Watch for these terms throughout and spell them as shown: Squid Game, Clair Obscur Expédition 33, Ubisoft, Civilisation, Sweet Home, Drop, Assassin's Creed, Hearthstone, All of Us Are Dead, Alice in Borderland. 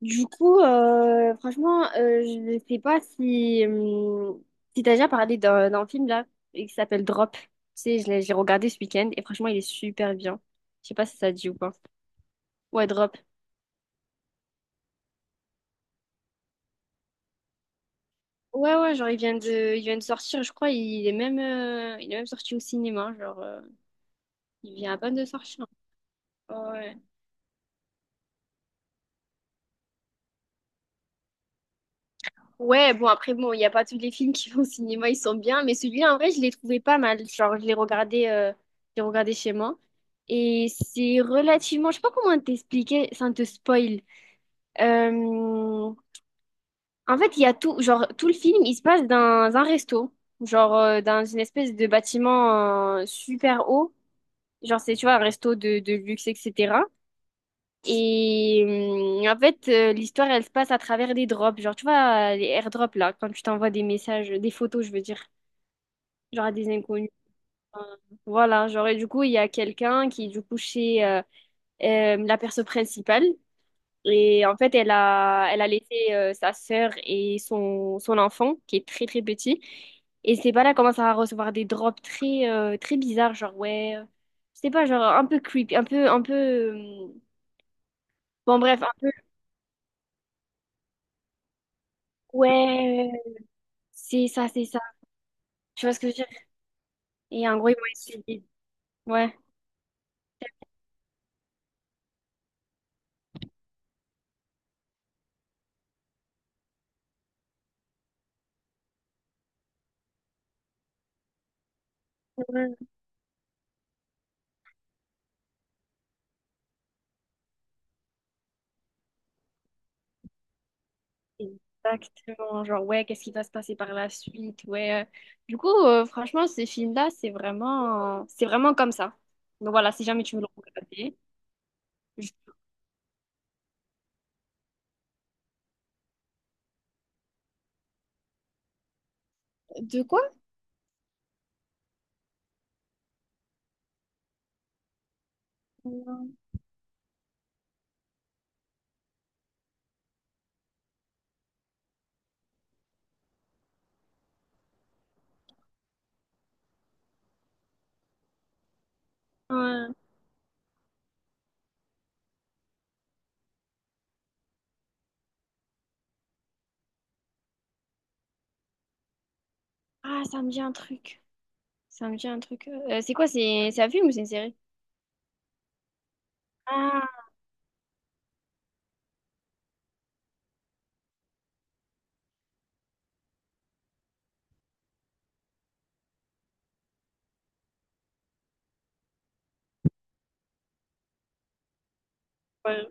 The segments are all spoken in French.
Franchement, je ne sais pas si, si t'as déjà parlé d'un film là, et qui s'appelle Drop. Tu sais, je l'ai j'ai regardé ce week-end et franchement, il est super bien. Je sais pas si ça te dit ou pas. Ouais, Drop. Ouais, ouais, genre, il vient de sortir, je crois, il est même sorti au cinéma, il vient à peine de sortir. Ouais. Ouais, bon, après, bon, il n'y a pas tous les films qui vont au cinéma, ils sont bien, mais celui-là, en vrai, je l'ai trouvé pas mal. Genre, je l'ai regardé chez moi. Et c'est relativement, je sais pas comment t'expliquer sans te spoil. Euh, En fait, il y a tout, genre, tout le film, il se passe dans un resto, dans une espèce de bâtiment, super haut. Genre, c'est, tu vois, un resto de luxe, etc. Et en fait, l'histoire, elle se passe à travers des drops. Genre, tu vois, les airdrops, là, quand tu t'envoies des messages, des photos, je veux dire, genre à des inconnus. Enfin, voilà, genre, et du coup, il y a quelqu'un qui est du coup chez la perso principale. Et en fait, elle a laissé sa sœur et son enfant, qui est très, très petit. Et c'est pas là commence à recevoir des drops très, très bizarres, genre, ouais, je sais pas, genre, un peu creepy, un peu... bon, bref, un peu, ouais. C'est ça, c'est ça. Tu vois ce que je veux dire? Et en gros, ils vont essayer. Ouais, ouais, exactement. Genre, ouais, qu'est-ce qui va se passer par la suite? Ouais. Franchement, ce film-là, c'est vraiment comme ça. Donc voilà, si jamais tu veux le regarder. Je... de quoi? Non. Euh, ah, ça me dit un truc. Ça me dit un truc. C'est quoi? C'est un film ou c'est une série? Ah, ouais.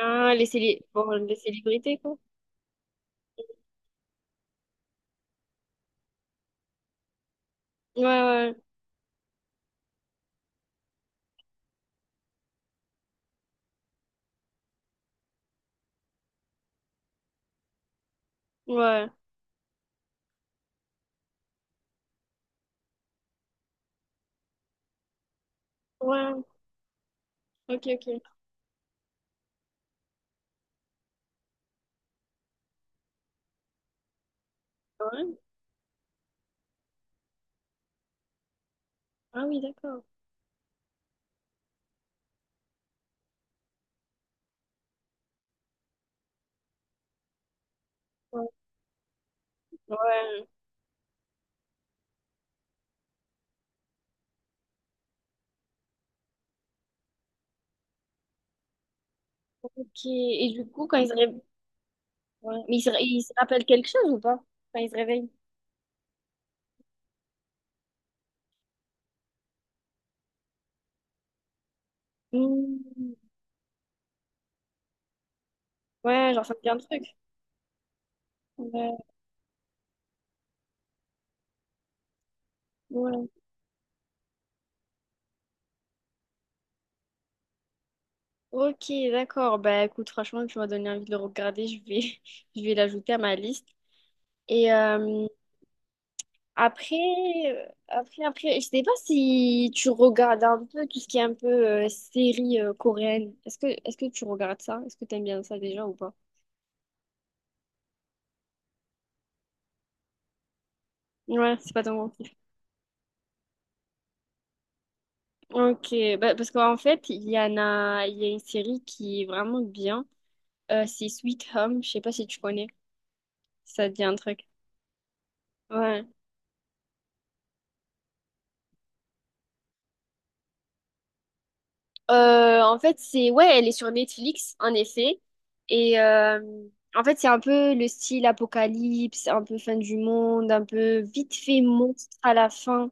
Ah, les célé... bon, les célébrités, quoi. Ouais, ouais, ouais. Ouais, ok, ok. Ouais. Ah oui, d'accord. Ouais. Ouais. Ok. Et du coup, quand il se réveille, mais il se rappelle quelque chose ou pas? Quand il se réveille. Hmm. Ouais, genre ça me dit un truc. Ouais. Ouais. Ok, d'accord. Bah écoute, franchement, tu m'as donné envie de le regarder. Je vais, je vais l'ajouter à ma liste. Et euh, après, après, après, je sais pas si tu regardes un peu tout ce qui est un peu série coréenne. Est-ce que tu regardes ça? Est-ce que t'aimes bien ça déjà ou pas? Ouais, c'est pas ton mot. Ok, bah, parce qu'en fait, il y a une série qui est vraiment bien. C'est Sweet Home, je sais pas si tu connais, si ça te dit un truc. Ouais. Ouais, elle est sur Netflix, en effet. Et euh, en fait, c'est un peu le style apocalypse, un peu fin du monde, un peu vite fait monstre à la fin,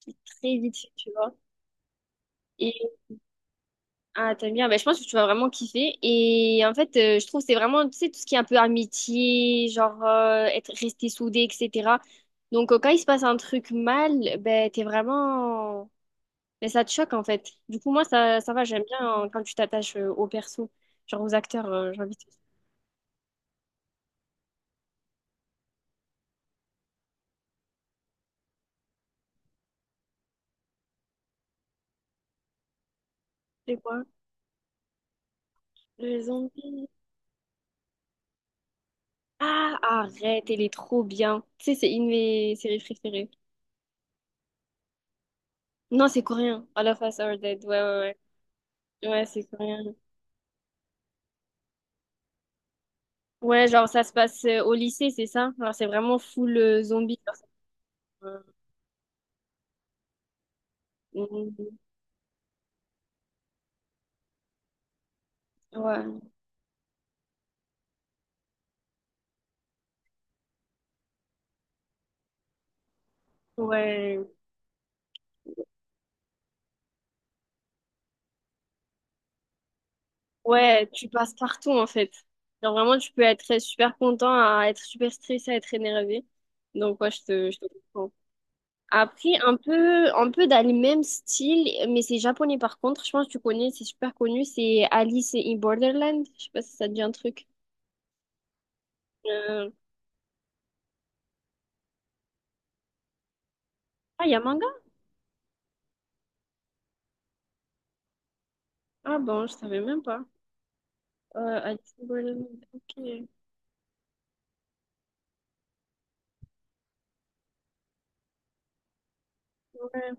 qui est très vite fait, tu vois. Ah, t'aimes bien. Ben, je pense que tu vas vraiment kiffer. Et en fait, je trouve que c'est vraiment, tu sais, tout ce qui est un peu amitié, genre être resté soudé, etc. Donc, quand il se passe un truc mal, ben, t'es vraiment... ben, ça te choque, en fait. Du coup, moi, ça va, j'aime bien quand tu t'attaches aux persos, genre aux acteurs, j'ai envie de... te dire. C'est quoi? Le zombie. Ah, arrête, elle est trop bien. Tu sais, c'est une de mes séries préférées. Non, c'est coréen. All of Us Are Dead, ouais, ouais, ouais. Ouais, c'est coréen. Ouais, genre ça se passe au lycée, c'est ça? Genre c'est vraiment full zombie. Genre, c'est, euh, mm, ouais, ouais, ouais, tu passes partout en fait. Genre vraiment, tu peux être super content, à être super stressé, à être énervé. Donc ouais, je te comprends. Après, un peu dans le même style, mais c'est japonais par contre. Je pense que tu connais, c'est super connu. C'est Alice in Borderland. Je sais pas si ça te dit un truc. Euh, Ah, il y a manga? Ah bon, je savais même pas. Alice in Borderland. Ok. Ouais.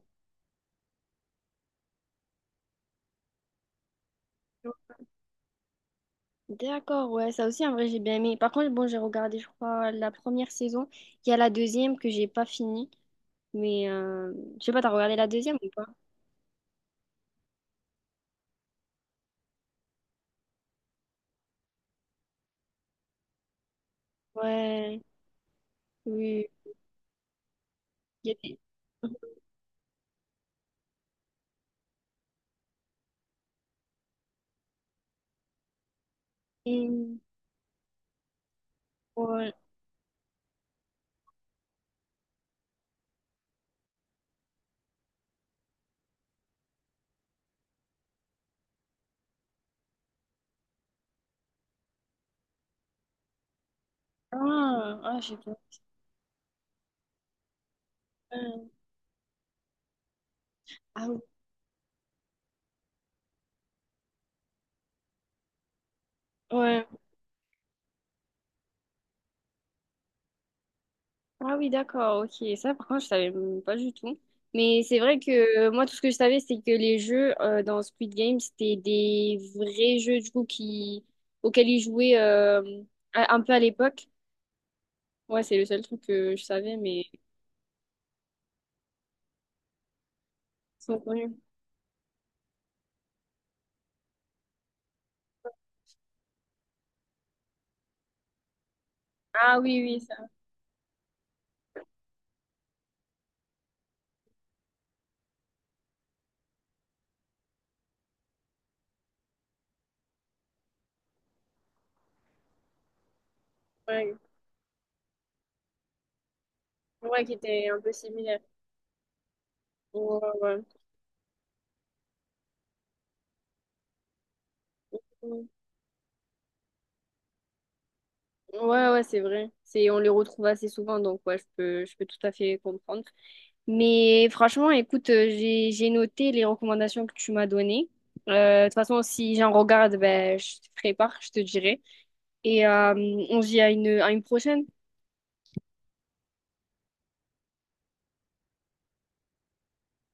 D'accord, ouais, ça aussi en vrai j'ai bien aimé. Par contre, bon, j'ai regardé, je crois, la première saison. Il y a la deuxième que j'ai pas finie. Mais euh, je sais pas, t'as regardé la deuxième ou pas? Ouais, oui. Il y a des... hum, ouais. Ah, ah, j'ai pas. Ah oui, ouais. Ah oui, d'accord, ok. Ça, par contre, je savais même pas du tout. Mais c'est vrai que moi, tout ce que je savais, c'est que les jeux dans Squid Game, c'était des vrais jeux, du coup, qui... auxquels ils jouaient un peu à l'époque. Ouais, c'est le seul truc que je savais, mais ils sont connus. Ah oui, oui, ça. Ouais, ouais, qui était un peu similaire. Ouais, ouais. Mm. Ouais, ouais, c'est vrai. C'est, on les retrouve assez souvent, donc ouais, je peux tout à fait comprendre. Mais franchement, écoute, j'ai noté les recommandations que tu m'as données. De toute façon, si j'en regarde, ben, je te prépare, je te dirai. Et on se dit à une prochaine.